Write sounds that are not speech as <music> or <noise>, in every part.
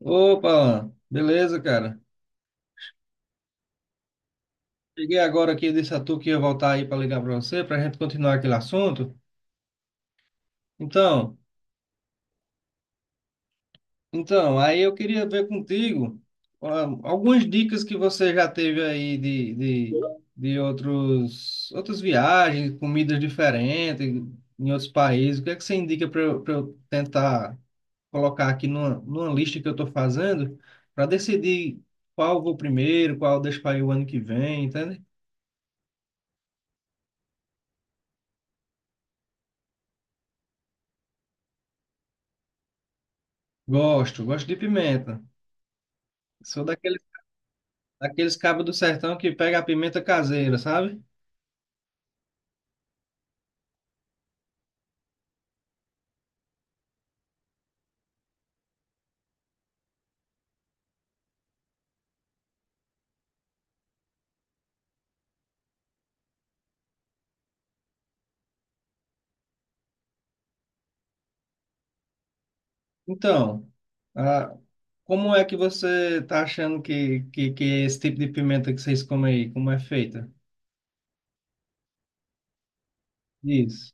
Opa, Alan, beleza, cara? Cheguei agora aqui desse atu que ia voltar aí para ligar para você, para a gente continuar aquele assunto. Então, então, aí eu queria ver contigo, algumas dicas que você já teve aí de outros, outras viagens, comidas diferentes em outros países. O que é que você indica para eu tentar colocar aqui numa lista que eu estou fazendo para decidir qual eu vou primeiro, qual eu deixo para ir o ano que vem, entende? Gosto, gosto de pimenta. Sou daquele, daqueles cabos do sertão que pega a pimenta caseira, sabe? Então, ah, como é que você tá achando que é esse tipo de pimenta que vocês comem aí, como é feita? Isso.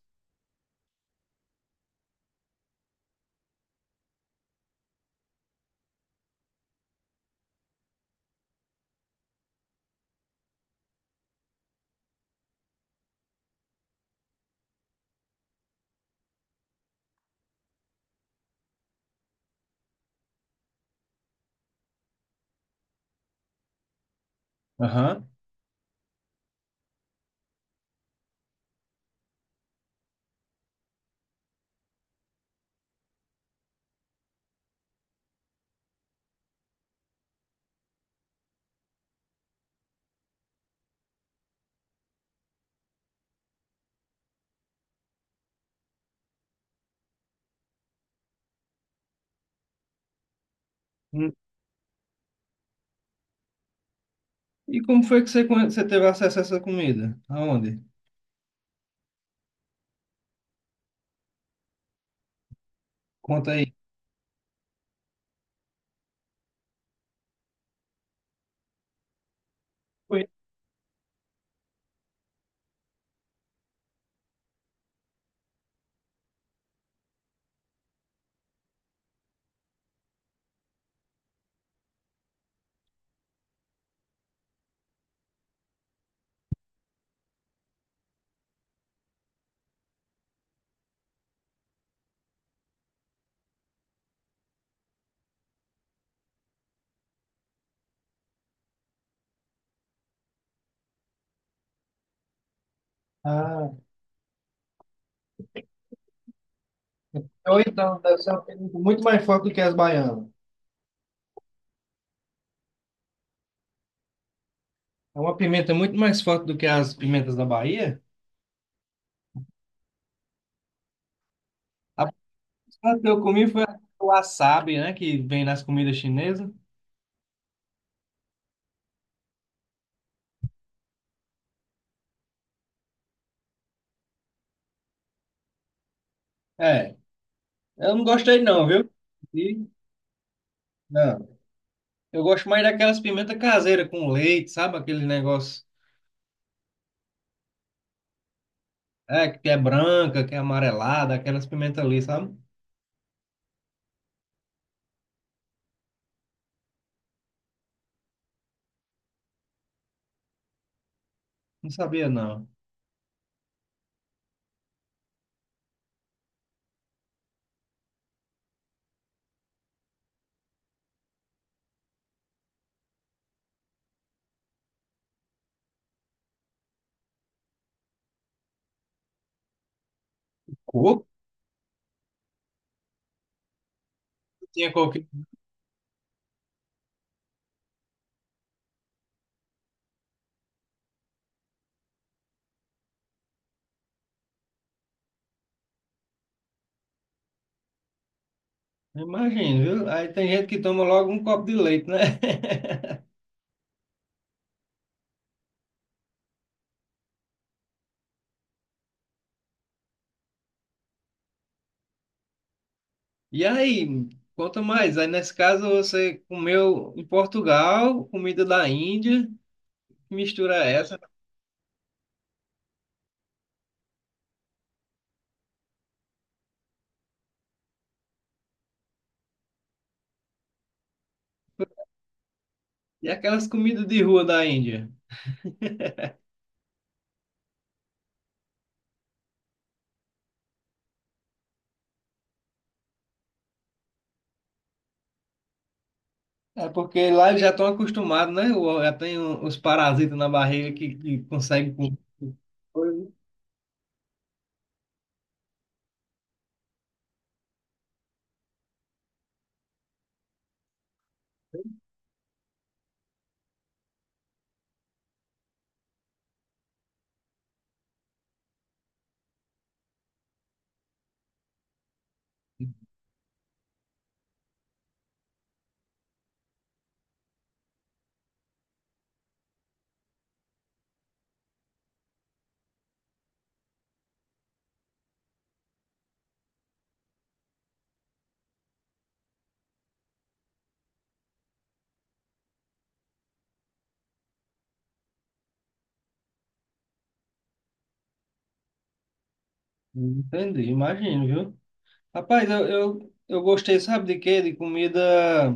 Aham. Hum. E como foi que você teve acesso a essa comida? Aonde? Conta aí. Foi Ah, ou então, deve ser uma pimenta muito mais forte do que as baianas. É uma pimenta muito mais forte do que as pimentas da Bahia. A primeira que eu comi foi o wasabi, né, que vem nas comidas chinesas. É. Eu não gostei não, viu? E, não. Eu gosto mais daquelas pimentas caseiras com leite, sabe? Aquele negócio é, que é branca, que é amarelada, aquelas pimentas ali, sabe? Não sabia não. Coco? Tinha coquinho. Imagina, viu? Aí tem gente que toma logo um copo de leite, né? <laughs> E aí, conta mais. Aí nesse caso você comeu em Portugal, comida da Índia, que mistura é essa, e aquelas comidas de rua da Índia. É porque lá eles já estão acostumados, né? O- já tem o- os parasitas na barriga que conseguem. Com- coisa. Entendi, imagino, viu? Rapaz, eu gostei, sabe de quê? De comida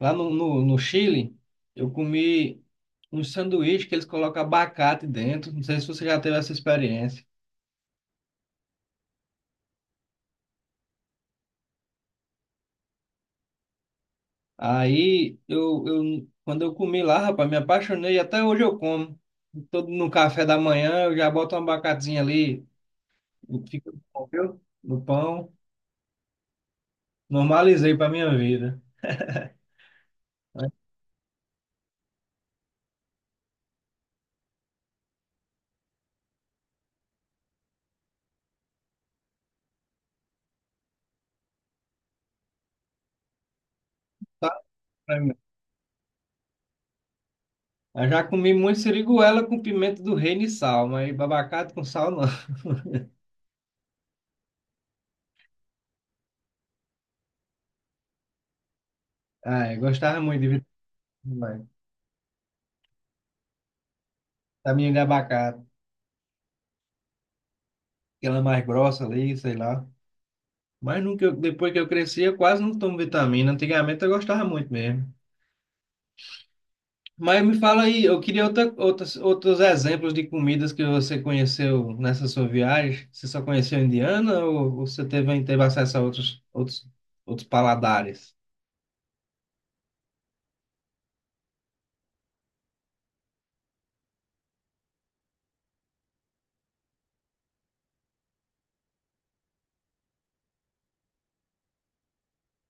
lá no Chile. Eu comi um sanduíche que eles colocam abacate dentro. Não sei se você já teve essa experiência. Aí, eu, quando eu comi lá, rapaz, me apaixonei. Até hoje eu como. Todo no café da manhã, eu já boto um abacatezinho ali. Fica bom, viu? Do pão. Normalizei para minha vida. Tá? Pra mim. Eu já comi muito siriguela com pimenta do reino e sal, mas babacate com sal não. <laughs> Ah, eu gostava muito de vitamina. Vitamina de abacate, aquela mais grossa ali, sei lá. Mas nunca, depois que eu cresci, eu quase não tomo vitamina. Antigamente eu gostava muito mesmo. Mas me fala aí, eu queria outros exemplos de comidas que você conheceu nessa sua viagem. Você só conheceu indiana ou você teve, teve acesso a outros paladares?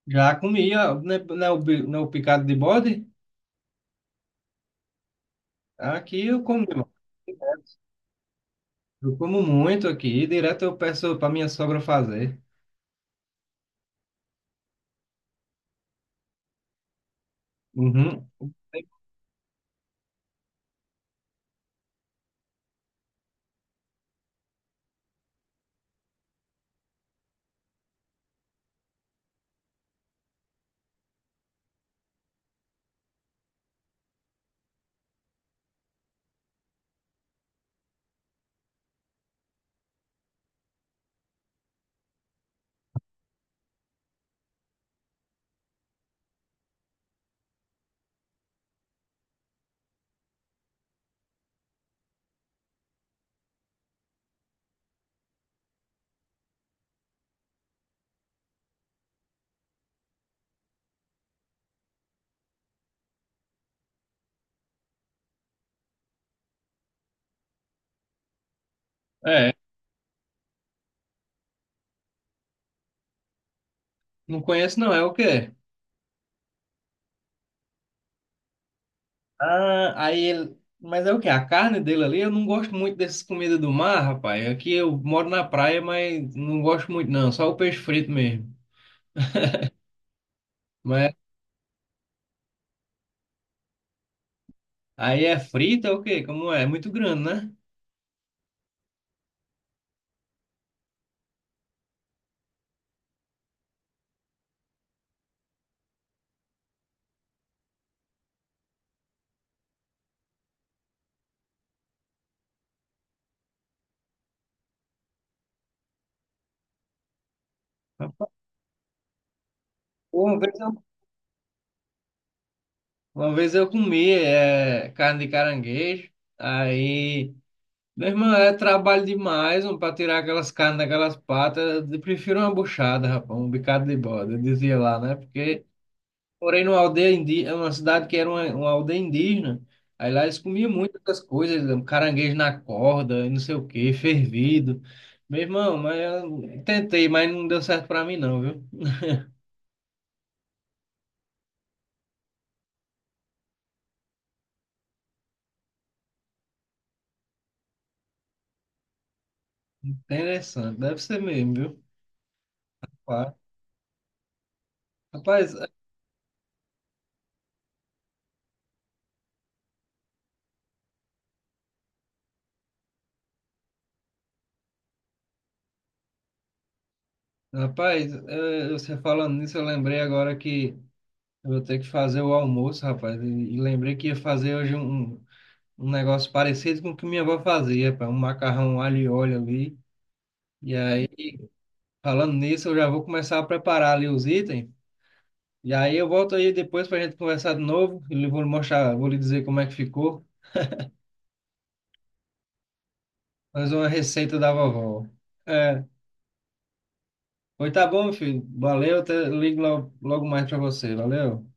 Já comia, né, o, o picado de bode? Aqui eu como, eu como muito aqui, direto eu peço para minha sogra fazer. Uhum. É, não conheço não, é o quê? Ah, aí ele. Mas é o quê? A carne dele ali, eu não gosto muito dessas comidas do mar, rapaz. Aqui eu moro na praia, mas não gosto muito, não. Só o peixe frito mesmo. Mas aí é frito, é o quê? Como é? É muito grande, né? Rapaz, Uma vez eu, uma vez eu comi é, carne de caranguejo. Aí, meu irmão, é trabalho demais para tirar aquelas carnes daquelas patas. Eu prefiro uma buchada, rapaz, um bicado de bode. Eu dizia lá, né? Porque. Morei numa aldeia indígena, uma cidade que era uma aldeia indígena. Aí lá eles comiam muitas coisas, caranguejo na corda, e não sei o que fervido. Meu irmão, mas eu tentei, mas não deu certo pra mim não, viu? Interessante, deve ser mesmo, viu? Claro. Rapaz, eh, rapaz, eh, você falando nisso, eu lembrei agora que eu vou ter que fazer o almoço, rapaz. E lembrei que ia fazer hoje um negócio parecido com o que minha avó fazia, rapaz, um macarrão alho e óleo ali. E aí Falando nisso, eu já vou começar a preparar ali os itens. E aí eu volto aí depois para a gente conversar de novo. E lhe vou lhe mostrar, vou lhe dizer como é que ficou. Mais uma receita da vovó. É. Pois tá bom, filho. Valeu. Até, ligo logo, logo mais para você. Valeu.